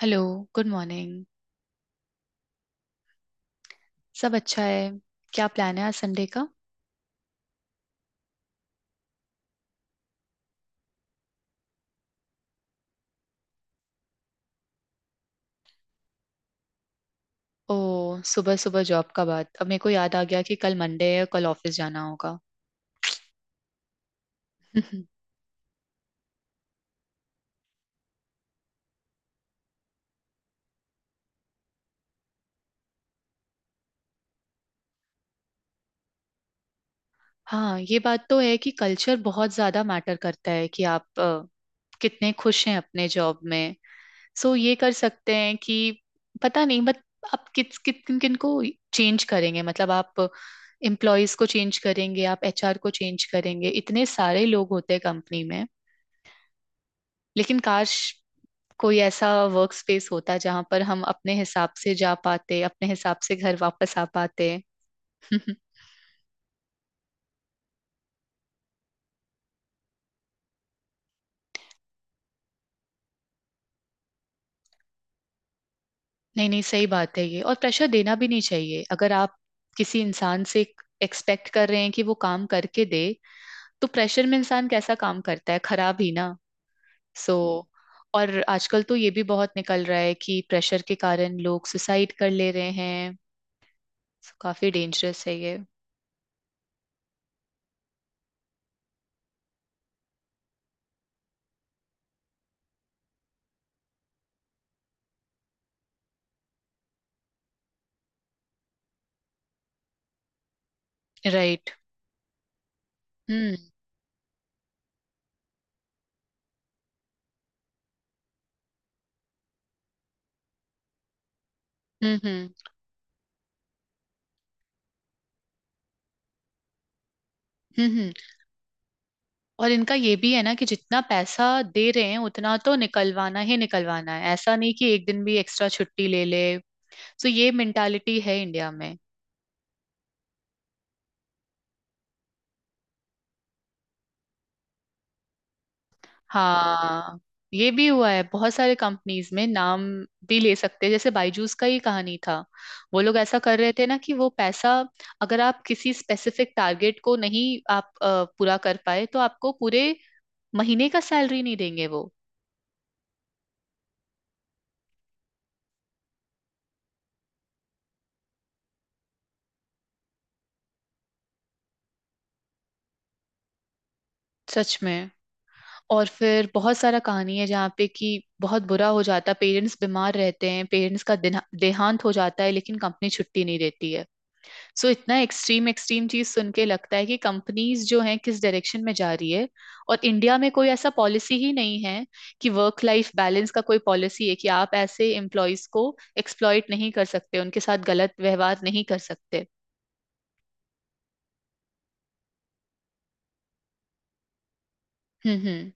Hello. Good morning. सब अच्छा है। क्या प्लान है आज संडे का? ओ, सुबह सुबह जॉब का बात अब मेरे को याद आ गया कि कल मंडे है, कल ऑफिस जाना होगा। हाँ, ये बात तो है कि कल्चर बहुत ज्यादा मैटर करता है कि आप कितने खुश हैं अपने जॉब में। सो ये कर सकते हैं कि पता नहीं, बट आप किस किस किन किन को चेंज करेंगे? मतलब आप एम्प्लॉयज को चेंज करेंगे, आप एचआर को चेंज करेंगे, इतने सारे लोग होते हैं कंपनी में। लेकिन काश कोई ऐसा वर्क स्पेस होता जहां पर हम अपने हिसाब से जा पाते, अपने हिसाब से घर वापस आ पाते। नहीं नहीं, सही बात है ये, और प्रेशर देना भी नहीं चाहिए। अगर आप किसी इंसान से एक्सपेक्ट कर रहे हैं कि वो काम करके दे, तो प्रेशर में इंसान कैसा काम करता है, खराब ही ना। सो, और आजकल तो ये भी बहुत निकल रहा है कि प्रेशर के कारण लोग सुसाइड कर ले रहे हैं। So, काफी डेंजरस है ये। राइट। हम्म। हम्म। हम्म। हम्म। हम्म। और इनका ये भी है ना कि जितना पैसा दे रहे हैं उतना तो निकलवाना ही निकलवाना है, ऐसा नहीं कि एक दिन भी एक्स्ट्रा छुट्टी ले ले। तो ये मेंटालिटी है इंडिया में। हाँ, ये भी हुआ है बहुत सारे कंपनीज में, नाम भी ले सकते हैं, जैसे बायजूस का ही कहानी था। वो लोग ऐसा कर रहे थे ना कि वो पैसा अगर आप किसी स्पेसिफिक टारगेट को नहीं, आप पूरा कर पाए तो आपको पूरे महीने का सैलरी नहीं देंगे वो। सच में। और फिर बहुत सारा कहानी है जहाँ पे कि बहुत बुरा हो जाता है, पेरेंट्स बीमार रहते हैं, पेरेंट्स का देहांत हो जाता है लेकिन कंपनी छुट्टी नहीं देती है। सो इतना एक्सट्रीम एक्सट्रीम चीज सुन के लगता है कि कंपनीज जो हैं किस डायरेक्शन में जा रही है। और इंडिया में कोई ऐसा पॉलिसी ही नहीं है कि वर्क लाइफ बैलेंस का कोई पॉलिसी है कि आप ऐसे एम्प्लॉयज को एक्सप्लॉइट नहीं कर सकते, उनके साथ गलत व्यवहार नहीं कर सकते। हम्म। हम्म।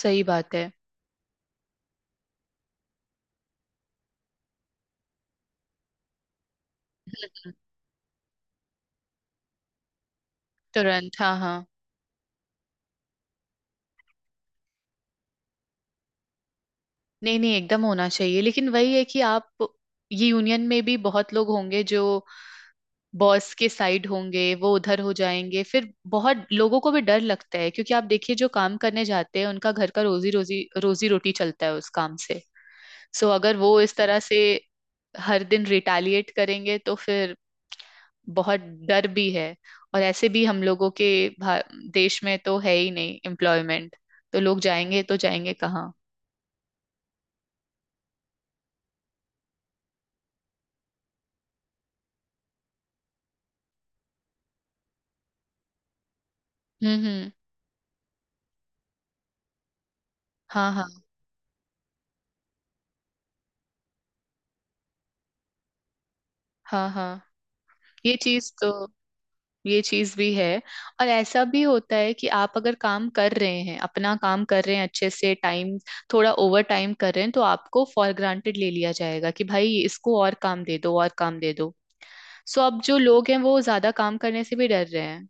सही बात है। तुरंत, हाँ हाँ। नहीं नहीं, एकदम होना चाहिए, लेकिन वही है कि आप ये यूनियन में भी बहुत लोग होंगे जो बॉस के साइड होंगे, वो उधर हो जाएंगे। फिर बहुत लोगों को भी डर लगता है क्योंकि आप देखिए जो काम करने जाते हैं उनका घर का रोजी रोजी रोजी रोटी चलता है उस काम से। सो अगर वो इस तरह से हर दिन रिटालिएट करेंगे तो फिर बहुत डर भी है। और ऐसे भी हम लोगों के भा- देश में तो है ही नहीं एम्प्लॉयमेंट। तो लोग जाएंगे तो जाएंगे कहाँ? हम्म। हम्म। हाँ हाँ। हाँ हाँ। ये चीज तो ये चीज भी है। और ऐसा भी होता है कि आप अगर काम कर रहे हैं, अपना काम कर रहे हैं अच्छे से, टाइम थोड़ा ओवर टाइम कर रहे हैं, तो आपको फॉर ग्रांटेड ले लिया जाएगा कि भाई इसको और काम दे दो, और काम दे दो। सो अब जो लोग हैं वो ज्यादा काम करने से भी डर रहे हैं।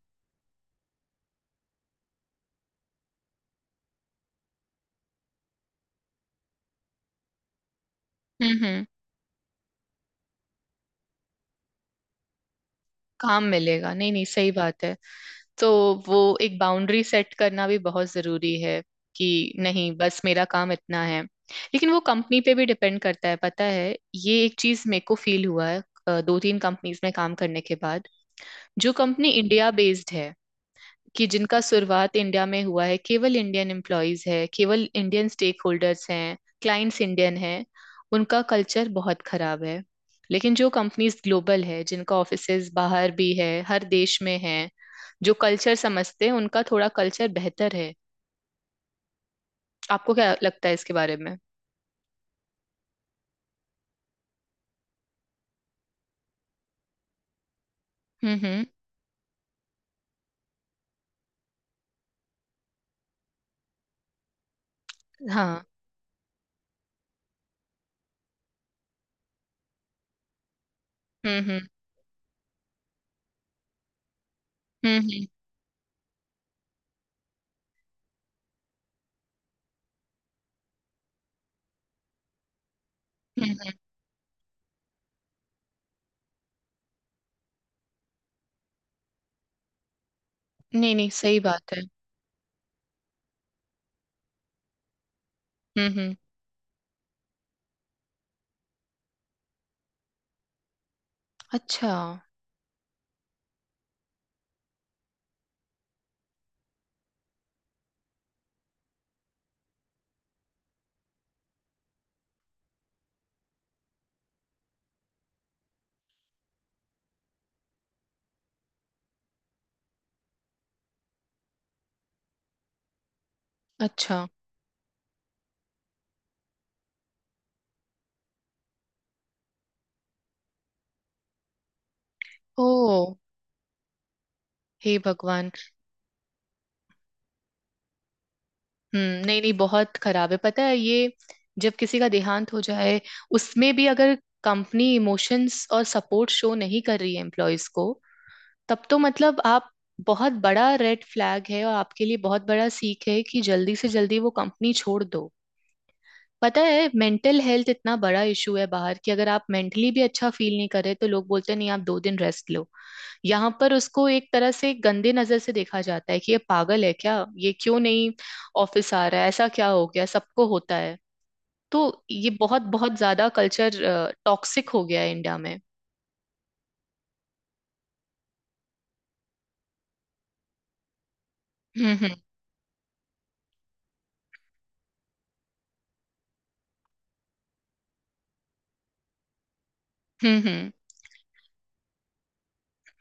हम्म। हम्म। काम मिलेगा। नहीं नहीं, सही बात है। तो वो एक बाउंड्री सेट करना भी बहुत जरूरी है कि नहीं, बस मेरा काम इतना है, लेकिन वो कंपनी पे भी डिपेंड करता है, पता है। ये एक चीज मेरे को फील हुआ है दो तीन कंपनीज में काम करने के बाद। जो कंपनी इंडिया बेस्ड है, कि जिनका शुरुआत इंडिया में हुआ है, केवल इंडियन एम्प्लॉयज है, केवल इंडियन स्टेक होल्डर्स हैं, क्लाइंट्स इंडियन हैं, उनका कल्चर बहुत खराब है। लेकिन जो कंपनीज ग्लोबल है, जिनका ऑफिसेज बाहर भी है, हर देश में है, जो कल्चर समझते हैं, उनका थोड़ा कल्चर बेहतर है। आपको क्या लगता है इसके बारे में? हम्म। हम्म। हाँ। हम्म। हम्म। हम्म। हम्म। हम्म, हम्म। नहीं नहीं, सही बात है। हम्म। हम्म। अच्छा। अच्छा। ओ, हे भगवान। हम्म, नहीं नहीं, बहुत खराब है, पता है ये। जब किसी का देहांत हो जाए, उसमें भी अगर कंपनी इमोशंस और सपोर्ट शो नहीं कर रही है एम्प्लॉयज को, तब तो मतलब आप, बहुत बड़ा रेड फ्लैग है और आपके लिए बहुत बड़ा सीख है कि जल्दी से जल्दी वो कंपनी छोड़ दो। पता है मेंटल हेल्थ इतना बड़ा इशू है बाहर, कि अगर आप मेंटली भी अच्छा फील नहीं कर रहे तो लोग बोलते हैं, नहीं आप 2 दिन रेस्ट लो। यहाँ पर उसको एक तरह से गंदे नजर से देखा जाता है कि ये पागल है क्या, ये क्यों नहीं ऑफिस आ रहा है, ऐसा क्या हो गया, सबको होता है। तो ये बहुत बहुत ज्यादा कल्चर टॉक्सिक हो गया है इंडिया में। हम्म। हम्म। हम्म। हम्म।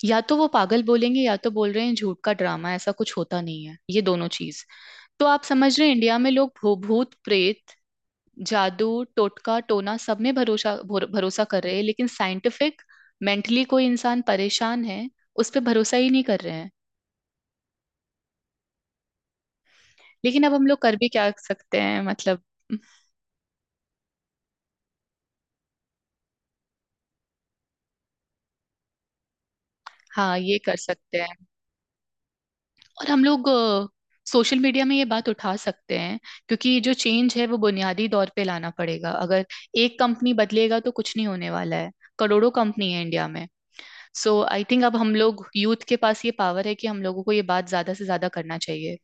या तो वो पागल बोलेंगे या तो बोल रहे हैं झूठ का ड्रामा, ऐसा कुछ होता नहीं है, ये दोनों चीज। तो आप समझ रहे हैं इंडिया में लोग भूत प्रेत, जादू टोटका टोना सब में भरोसा, भरोसा कर रहे हैं, लेकिन साइंटिफिक मेंटली कोई इंसान परेशान है, उस पे भरोसा ही नहीं कर रहे हैं। लेकिन अब हम लोग कर भी क्या सकते हैं, मतलब। हाँ, ये कर सकते हैं। और हम लोग सोशल मीडिया में ये बात उठा सकते हैं, क्योंकि जो चेंज है वो बुनियादी तौर पे लाना पड़ेगा, अगर एक कंपनी बदलेगा तो कुछ नहीं होने वाला है। करोड़ों कंपनी है इंडिया में। सो आई थिंक अब हम लोग यूथ के पास ये पावर है कि हम लोगों को ये बात ज्यादा से ज्यादा करना चाहिए।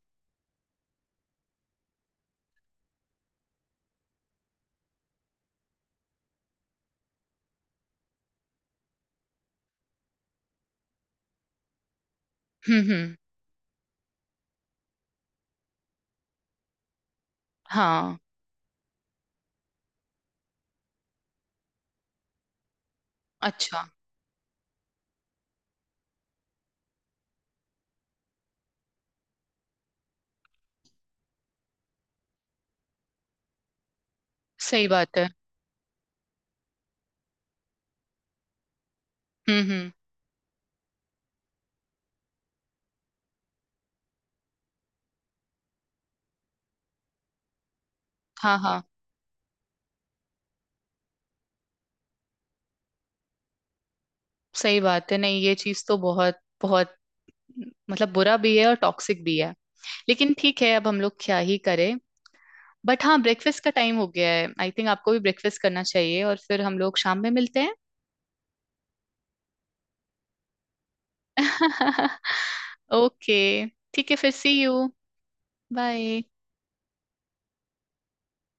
हम्म। हम्म। हाँ। अच्छा। सही बात है। हम्म। हम्म। हाँ हाँ। सही बात है। नहीं, ये चीज तो बहुत बहुत मतलब बुरा भी है और टॉक्सिक भी है। लेकिन ठीक है, अब हम लोग क्या ही करें। बट हाँ, ब्रेकफास्ट का टाइम हो गया है, आई थिंक आपको भी ब्रेकफास्ट करना चाहिए, और फिर हम लोग शाम में मिलते हैं। ओके, ठीक है, फिर सी यू। बाय।